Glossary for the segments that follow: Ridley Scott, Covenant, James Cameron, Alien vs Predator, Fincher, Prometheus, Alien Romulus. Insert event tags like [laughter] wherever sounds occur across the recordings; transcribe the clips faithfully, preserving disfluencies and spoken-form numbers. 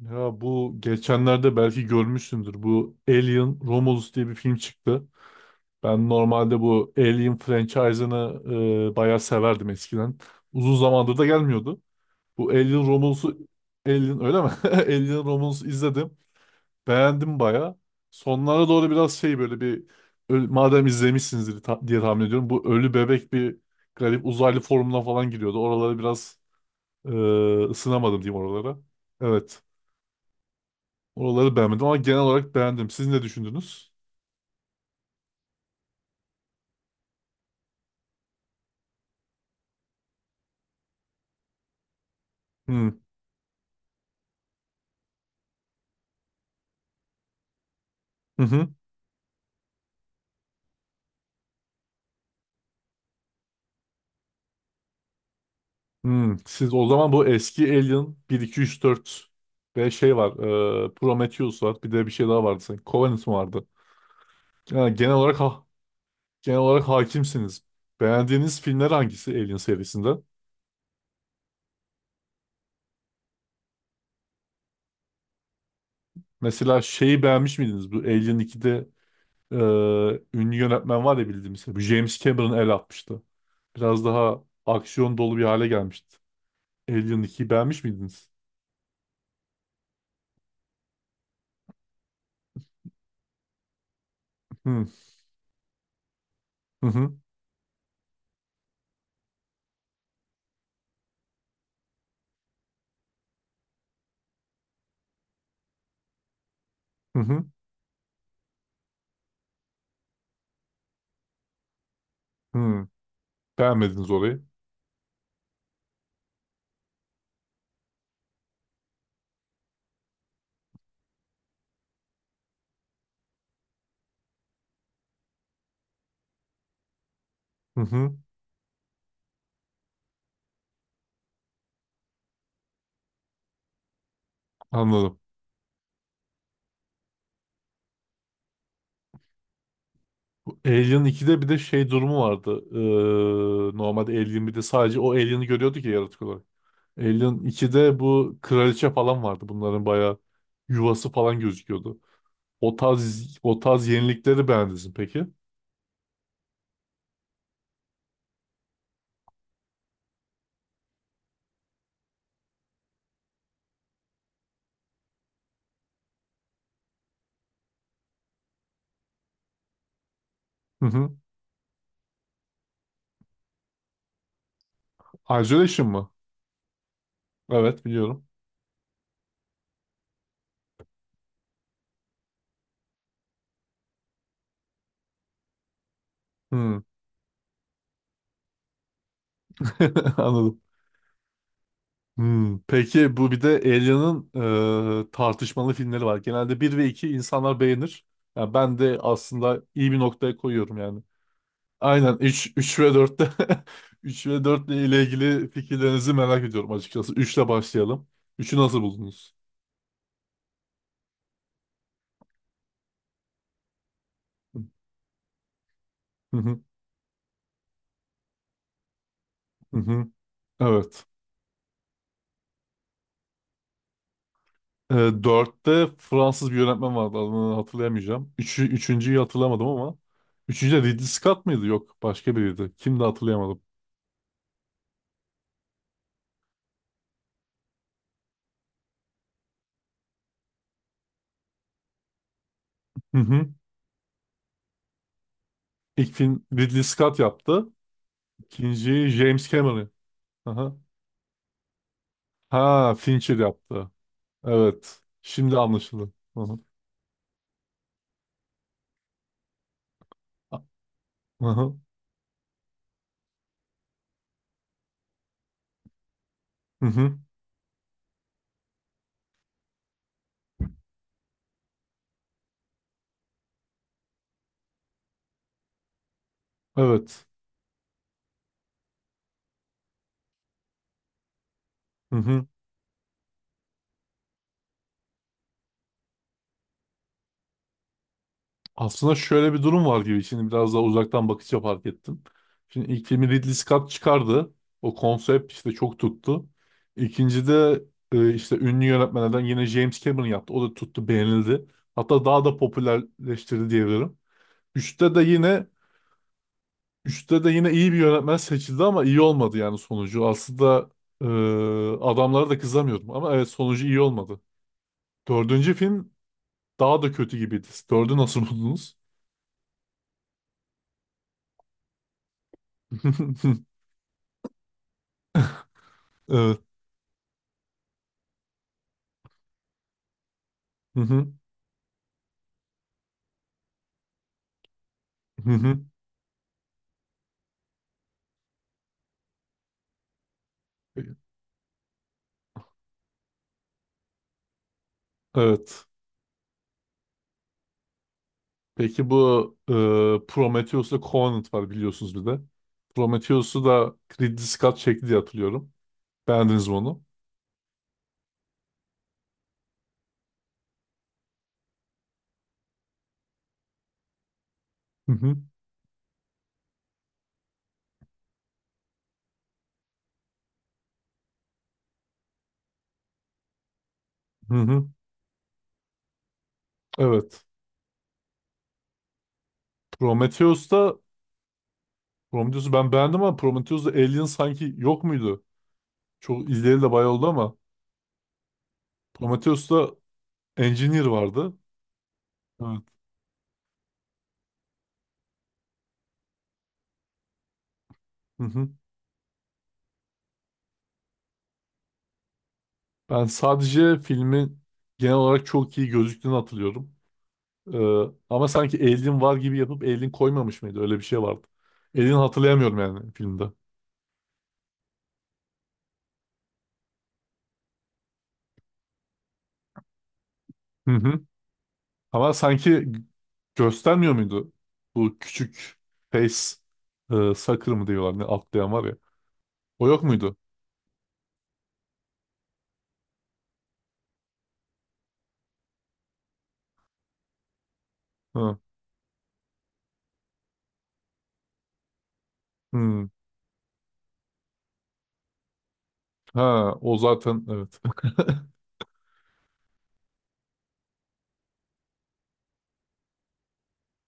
Ya bu geçenlerde belki görmüşsündür. Bu Alien Romulus diye bir film çıktı. Ben normalde bu Alien franchise'ını e, bayağı severdim eskiden. Uzun zamandır da gelmiyordu. Bu Alien Romulus'u Alien öyle mi? [laughs] Alien Romulus'u izledim. Beğendim bayağı. Sonlara doğru biraz şey böyle bir ö- madem izlemişsinizdir ta- diye tahmin ediyorum. Bu ölü bebek bir garip uzaylı formuna falan giriyordu. Oralara biraz e, ısınamadım diyeyim oralara. Evet. Oraları beğenmedim ama genel olarak beğendim. Siz ne düşündünüz? Hmm. Hı hı. Hmm. Siz o zaman bu eski Alien bir iki üç dört ve şey var. E, Prometheus var. Bir de bir şey daha vardı sanki. Covenant mı vardı? Yani genel olarak ha genel olarak hakimsiniz. Beğendiğiniz filmler hangisi Alien serisinde? Mesela şeyi beğenmiş miydiniz? Bu Alien ikide e, ünlü yönetmen var ya bildiğimiz. Bu James Cameron el atmıştı. Biraz daha aksiyon dolu bir hale gelmişti. Alien ikiyi beğenmiş miydiniz? Hı hı, hı hı. Hı. Beğenmediniz orayı. Hı hı. Anladım. Bu Alien ikide bir de şey durumu vardı. Ee, normalde Alien birde sadece o Alien'i görüyorduk ya yaratık olarak. Alien ikide bu kraliçe falan vardı. Bunların bayağı yuvası falan gözüküyordu. O tarz, o tarz yenilikleri beğendiniz mi peki? Hı hı. Isolation mı? Evet, biliyorum. Hı. [laughs] Anladım. Hmm, peki bu bir de Alien'ın e, tartışmalı filmleri var. Genelde bir ve iki insanlar beğenir. Yani ben de aslında iyi bir noktaya koyuyorum yani. Aynen üç, üç ve dörtte [laughs] üç ve dört ile ilgili fikirlerinizi merak ediyorum açıkçası. üç ile başlayalım. Üçü nasıl buldunuz? Hı hı, hı hı. Evet. E, dörtte Fransız bir yönetmen vardı, adını hatırlayamayacağım. üçüncüyü, üçüncü.'yü hatırlamadım ama. üçüncü de Ridley Scott mıydı? Yok, başka biriydi. Kimdi hatırlayamadım. [laughs] İlk film Ridley Scott yaptı. İkinciyi James Cameron. Aha. Ha, Fincher yaptı. Evet. Şimdi anlaşıldı. Aha. Aha. Hı hı. Evet. Hı hı. Aslında şöyle bir durum var gibi. Şimdi biraz daha uzaktan bakınca fark ettim. Şimdi ilk filmi Ridley Scott çıkardı. O konsept işte çok tuttu. İkinci de e, işte ünlü yönetmenlerden yine James Cameron yaptı. O da tuttu, beğenildi. Hatta daha da popülerleştirdi diyebilirim. Üçte de yine Üçte de yine iyi bir yönetmen seçildi ama iyi olmadı yani sonucu. Aslında e, adamlara da kızamıyordum ama evet sonucu iyi olmadı. Dördüncü film daha da kötü gibiydi. Dördü nasıl buldunuz? [laughs] Evet. Hı hı. Hı hı. Evet. Peki bu e, Prometheus'la Covenant var biliyorsunuz bir de. Prometheus'u da Ridley Scott çekti diye hatırlıyorum. Beğendiniz mi onu? Hı hı. Hı hı. Evet. Prometheus'ta Prometheus'u ben beğendim ama Prometheus'ta Alien sanki yok muydu? Çok izleyeli de bayağı oldu ama Prometheus'ta Engineer vardı. Evet. Hı hı. Ben sadece filmin genel olarak çok iyi gözüktüğünü hatırlıyorum. Ee, ama sanki Alien var gibi yapıp Alien koymamış mıydı? Öyle bir şey vardı. Alien hatırlayamıyorum yani filmde. Hı hı. Ama sanki göstermiyor muydu? Bu küçük face e, sucker mı diyorlar ne atlayan var ya. O yok muydu? Ha. Hı. Ha, o zaten evet. [laughs]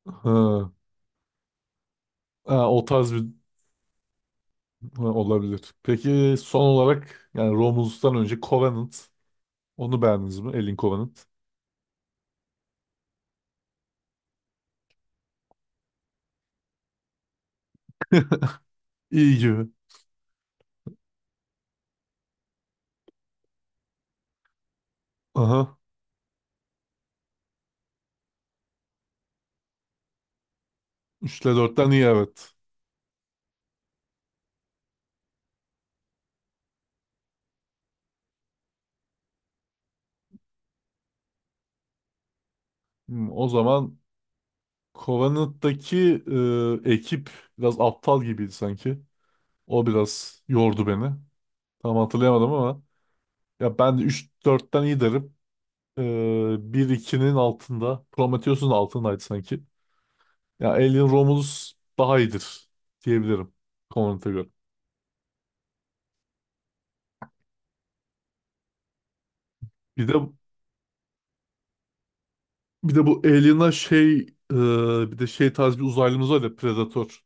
Ha. Ha, o tarz bir. Ha, Olabilir. Peki son olarak yani Romulus'tan önce Covenant. Onu beğendiniz mi? Alien Covenant. İyi gibi. Aha. üçte dörtten iyi evet. Hmm, o zaman Covenant'taki e, ekip biraz aptal gibiydi sanki. O biraz yordu beni. Tam hatırlayamadım ama ya ben de üç dörtten iyi derim. E, bir ikinin altında. Prometheus'un altındaydı sanki. Ya Alien Romulus daha iyidir diyebilirim Covenant'a göre. Bir de Bir de bu Alien'a şey e, bir de şey tarz bir uzaylımız var ya Predator.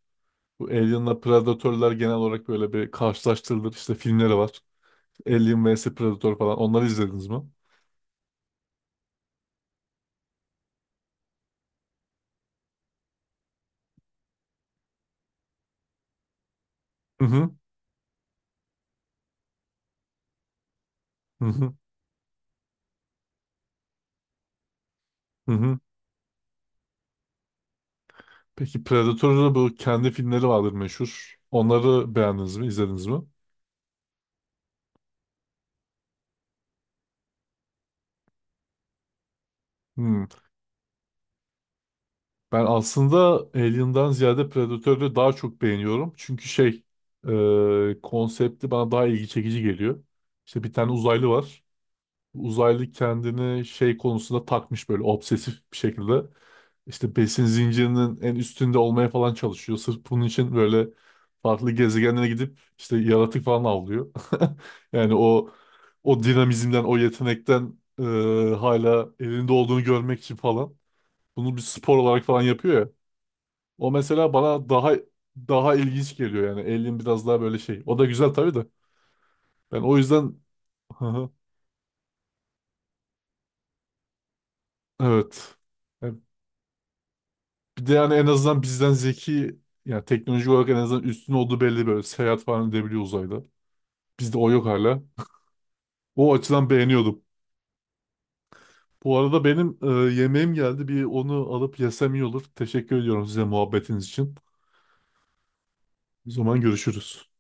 Bu Alien'la Predator'lar genel olarak böyle bir karşılaştırılır. İşte filmleri var. Alien vs Predator falan. Onları izlediniz mi? Hı hı. Hı hı. Hı hı. Peki Predator'un bu kendi filmleri vardır meşhur. Onları beğendiniz mi? İzlediniz mi? Hmm. Ben aslında Alien'dan ziyade Predator'u daha çok beğeniyorum. Çünkü şey e, konsepti bana daha ilgi çekici geliyor. İşte bir tane uzaylı var. Uzaylı kendini şey konusunda takmış böyle obsesif bir şekilde. İşte besin zincirinin en üstünde olmaya falan çalışıyor. Sırf bunun için böyle farklı gezegenlere gidip işte yaratık falan avlıyor. [laughs] Yani o o dinamizmden, o yetenekten e, hala elinde olduğunu görmek için falan. Bunu bir spor olarak falan yapıyor ya. O mesela bana daha daha ilginç geliyor yani. Alien biraz daha böyle şey. O da güzel tabii de. Ben o yüzden [laughs] evet. Yani Bir de yani en azından bizden zeki yani teknoloji olarak en azından üstün olduğu belli, böyle seyahat falan edebiliyor uzayda. Bizde o yok hala. O açıdan beğeniyordum. Bu arada benim e, yemeğim geldi. Bir onu alıp yesem iyi olur. Teşekkür ediyorum size muhabbetiniz için. O zaman görüşürüz.